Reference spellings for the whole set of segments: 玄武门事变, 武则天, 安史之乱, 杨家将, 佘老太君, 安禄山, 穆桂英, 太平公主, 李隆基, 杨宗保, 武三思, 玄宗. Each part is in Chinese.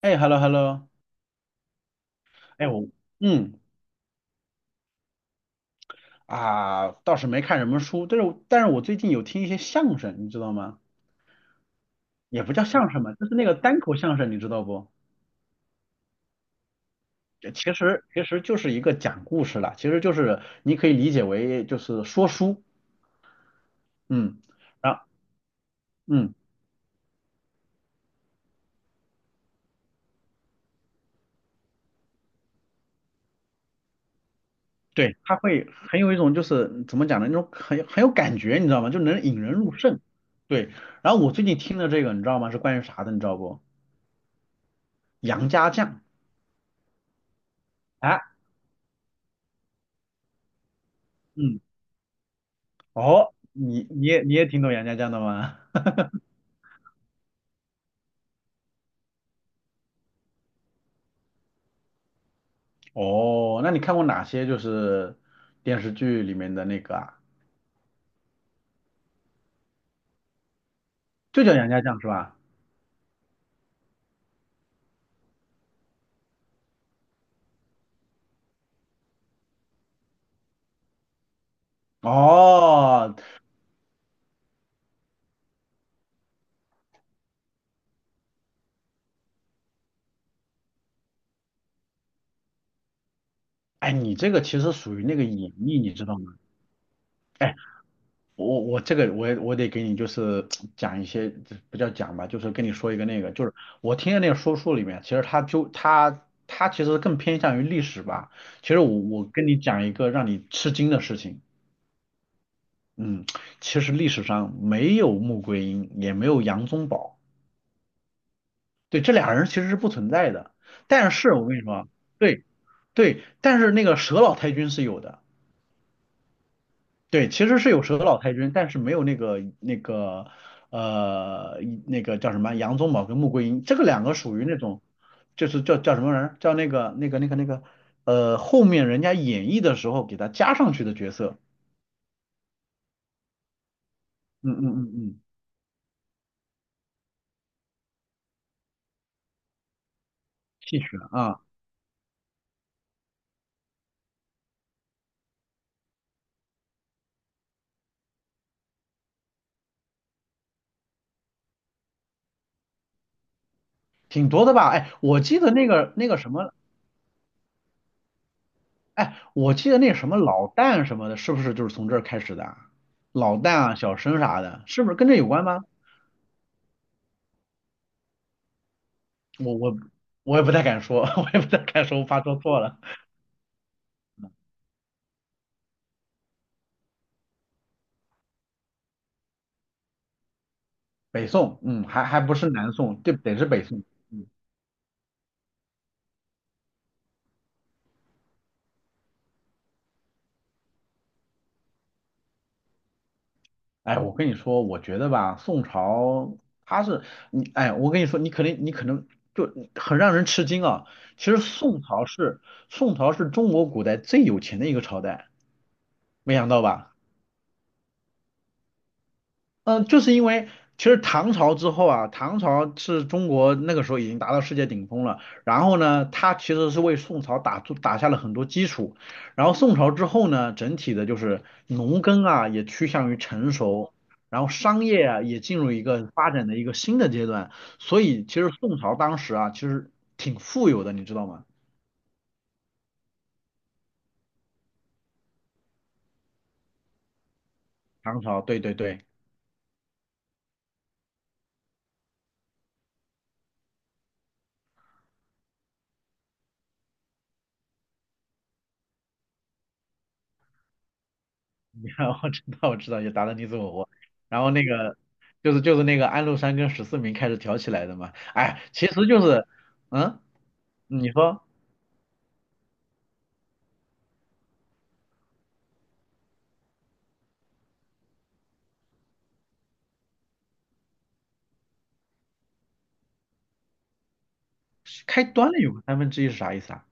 哎，hello hello。哎我嗯啊，倒是没看什么书，但是我最近有听一些相声，你知道吗？也不叫相声吧，就是那个单口相声，你知道不？这其实就是一个讲故事啦，其实就是你可以理解为就是说书。嗯，然后嗯对，他会很有一种就是怎么讲呢，那种很有感觉，你知道吗？就能引人入胜。对，然后我最近听的这个你知道吗？是关于啥的，你知道不？杨家将。啊，嗯，哦，你也挺懂杨家将的吗？哦，那你看过哪些就是电视剧里面的那个啊？就叫杨家将是吧？哦，哎，你这个其实属于那个演绎，你知道吗？哎，我我这个我也我得给你就是讲一些。这不叫讲吧，就是跟你说一个那个，就是我听的那个说书里面，其实他就他他其实更偏向于历史吧。其实我跟你讲一个让你吃惊的事情。嗯，其实历史上没有穆桂英，也没有杨宗保，对，这俩人其实是不存在的。但是我跟你说啊。对对，但是那个佘老太君是有的。对，其实是有佘老太君，但是没有呃那个叫什么杨宗保跟穆桂英，这个两个属于那种，就是叫什么人，叫后面人家演绎的时候给他加上去的角色。嗯嗯嗯嗯，戏曲啊。挺多的吧？哎，我记得那个什么。哎，我记得那什么老旦什么的，是不是就是从这儿开始的啊？老旦啊，小生啥的，是不是跟这有关吗？我我我也不太敢说，我也不太敢说，我怕说错了。北宋，嗯，还不是南宋，这得是北宋。哎，我跟你说，我觉得吧，宋朝它是你，哎，我跟你说，你可能就很让人吃惊啊。其实宋朝是中国古代最有钱的一个朝代，没想到吧？嗯，就是因为其实唐朝之后啊，唐朝是中国那个时候已经达到世界顶峰了。然后呢，它其实是为宋朝打下了很多基础。然后宋朝之后呢，整体的就是农耕啊也趋向于成熟，然后商业啊也进入一个发展的一个新的阶段。所以其实宋朝当时啊，其实挺富有的，你知道吗？唐朝，对对对。你然我知道我知道，也达芬你死我锅。然后那个就是那个安禄山跟十四名开始挑起来的嘛。哎，其实就是，嗯，你说开端了有个三分之一是啥意思啊？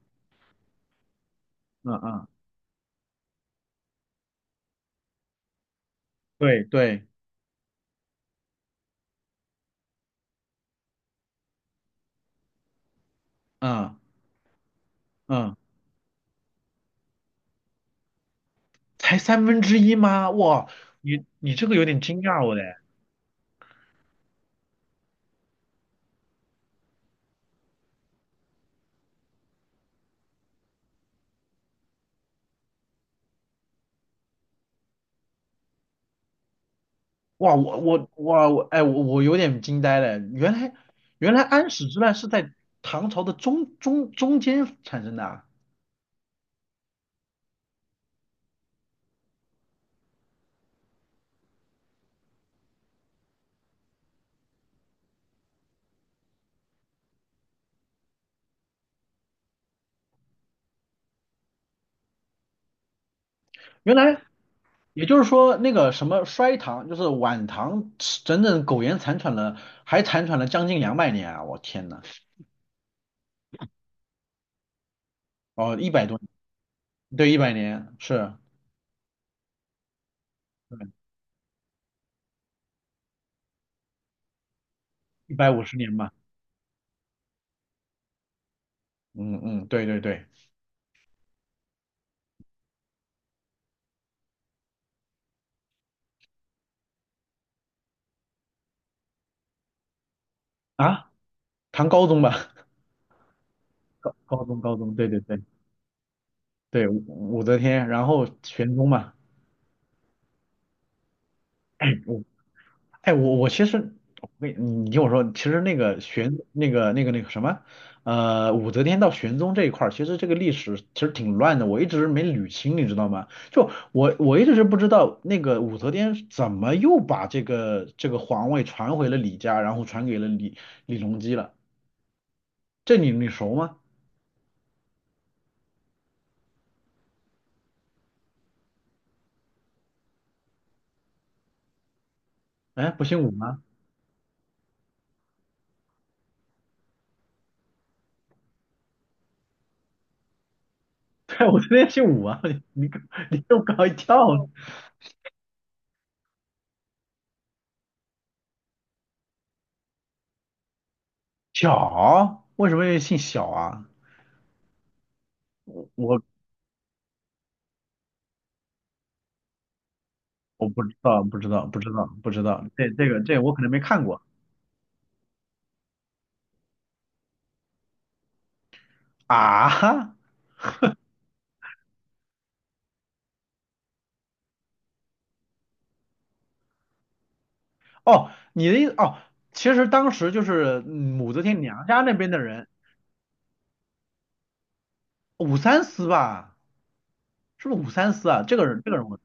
嗯嗯，对对，嗯嗯，才三分之一吗？哇，你这个有点惊讶我嘞。哇，我我哇我哎我我有点惊呆嘞。原来安史之乱是在唐朝的中间产生的啊。原来也就是说，那个什么衰唐，就是晚唐，整整苟延残喘了，还残喘了将近200年啊！我天呐，哦，100多年。对，100年，是150年吧？嗯嗯，对对对，啊，唐高宗吧。高中，对对对对，武则天，然后玄宗嘛。哎，我其实，我跟你你听我说。其实那个玄那个那个那个什么，呃，武则天到玄宗这一块儿，其实这个历史其实挺乱的，我一直没捋清，你知道吗？就我一直是不知道那个武则天怎么又把这个这个皇位传回了李家，然后传给了李隆基了，这你熟吗？哎，不姓武吗？对，我昨天姓武啊，你给我搞一跳。小，为什么又姓小啊？我我我不知道，不知道，不知道，不知道。这我可能没看过。啊哈。哦，你的意思哦，其实当时就是武则天娘家那边的人，武三思吧，是不是武三思啊？这个人，我，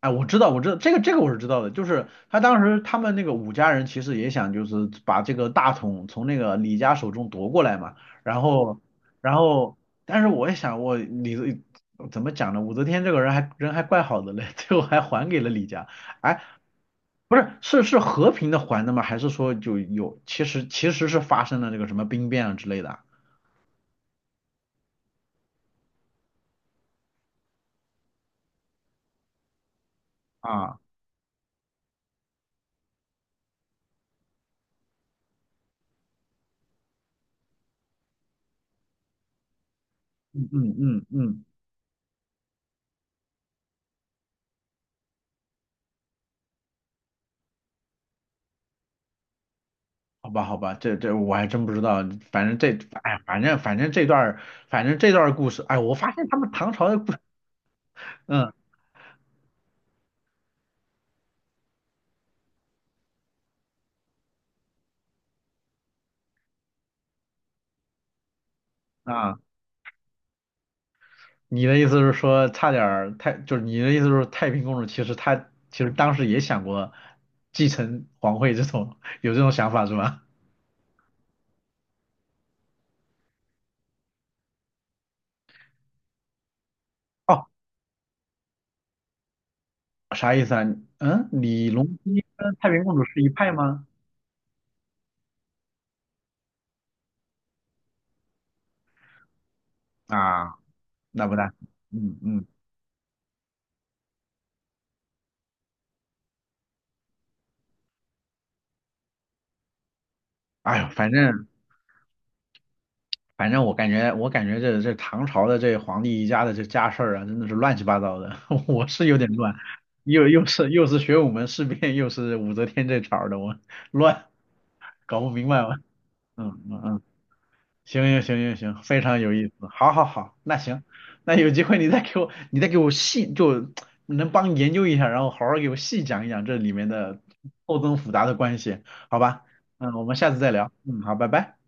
哎，我知道，我知道，这个我是知道的，就是他当时他们那个武家人其实也想就是把这个大统从那个李家手中夺过来嘛。然后然后，但是我也想我李怎么讲呢？武则天这个人还怪好的嘞，最后还给了李家。哎，不是，是和平的还的吗？还是说就有其实是发生了这个什么兵变啊之类的啊？啊嗯嗯嗯嗯，好吧好吧，这这我还真不知道。反正这哎反正反正这段儿反正这段儿故事，哎，我发现他们唐朝的故事。嗯啊，你的意思是说差点儿太就是你的意思是说太平公主其实她其实当时也想过继承皇位这种有这种想法是吗？哦，啥意思啊？嗯，李隆基跟太平公主是一派吗？啊，那不大，嗯嗯，哎呦，反正我感觉这唐朝的这皇帝一家的这家事儿啊，真的是乱七八糟的，我是有点乱，又是玄武门事变，又是武则天这茬儿的，我乱搞不明白我嗯嗯嗯。行行行行行，非常有意思。好，好，好，那行，那有机会你再给我，细，就能帮研究一下，然后好好给我细讲一讲这里面的错综复杂的关系，好吧？嗯，我们下次再聊。嗯，好，拜拜。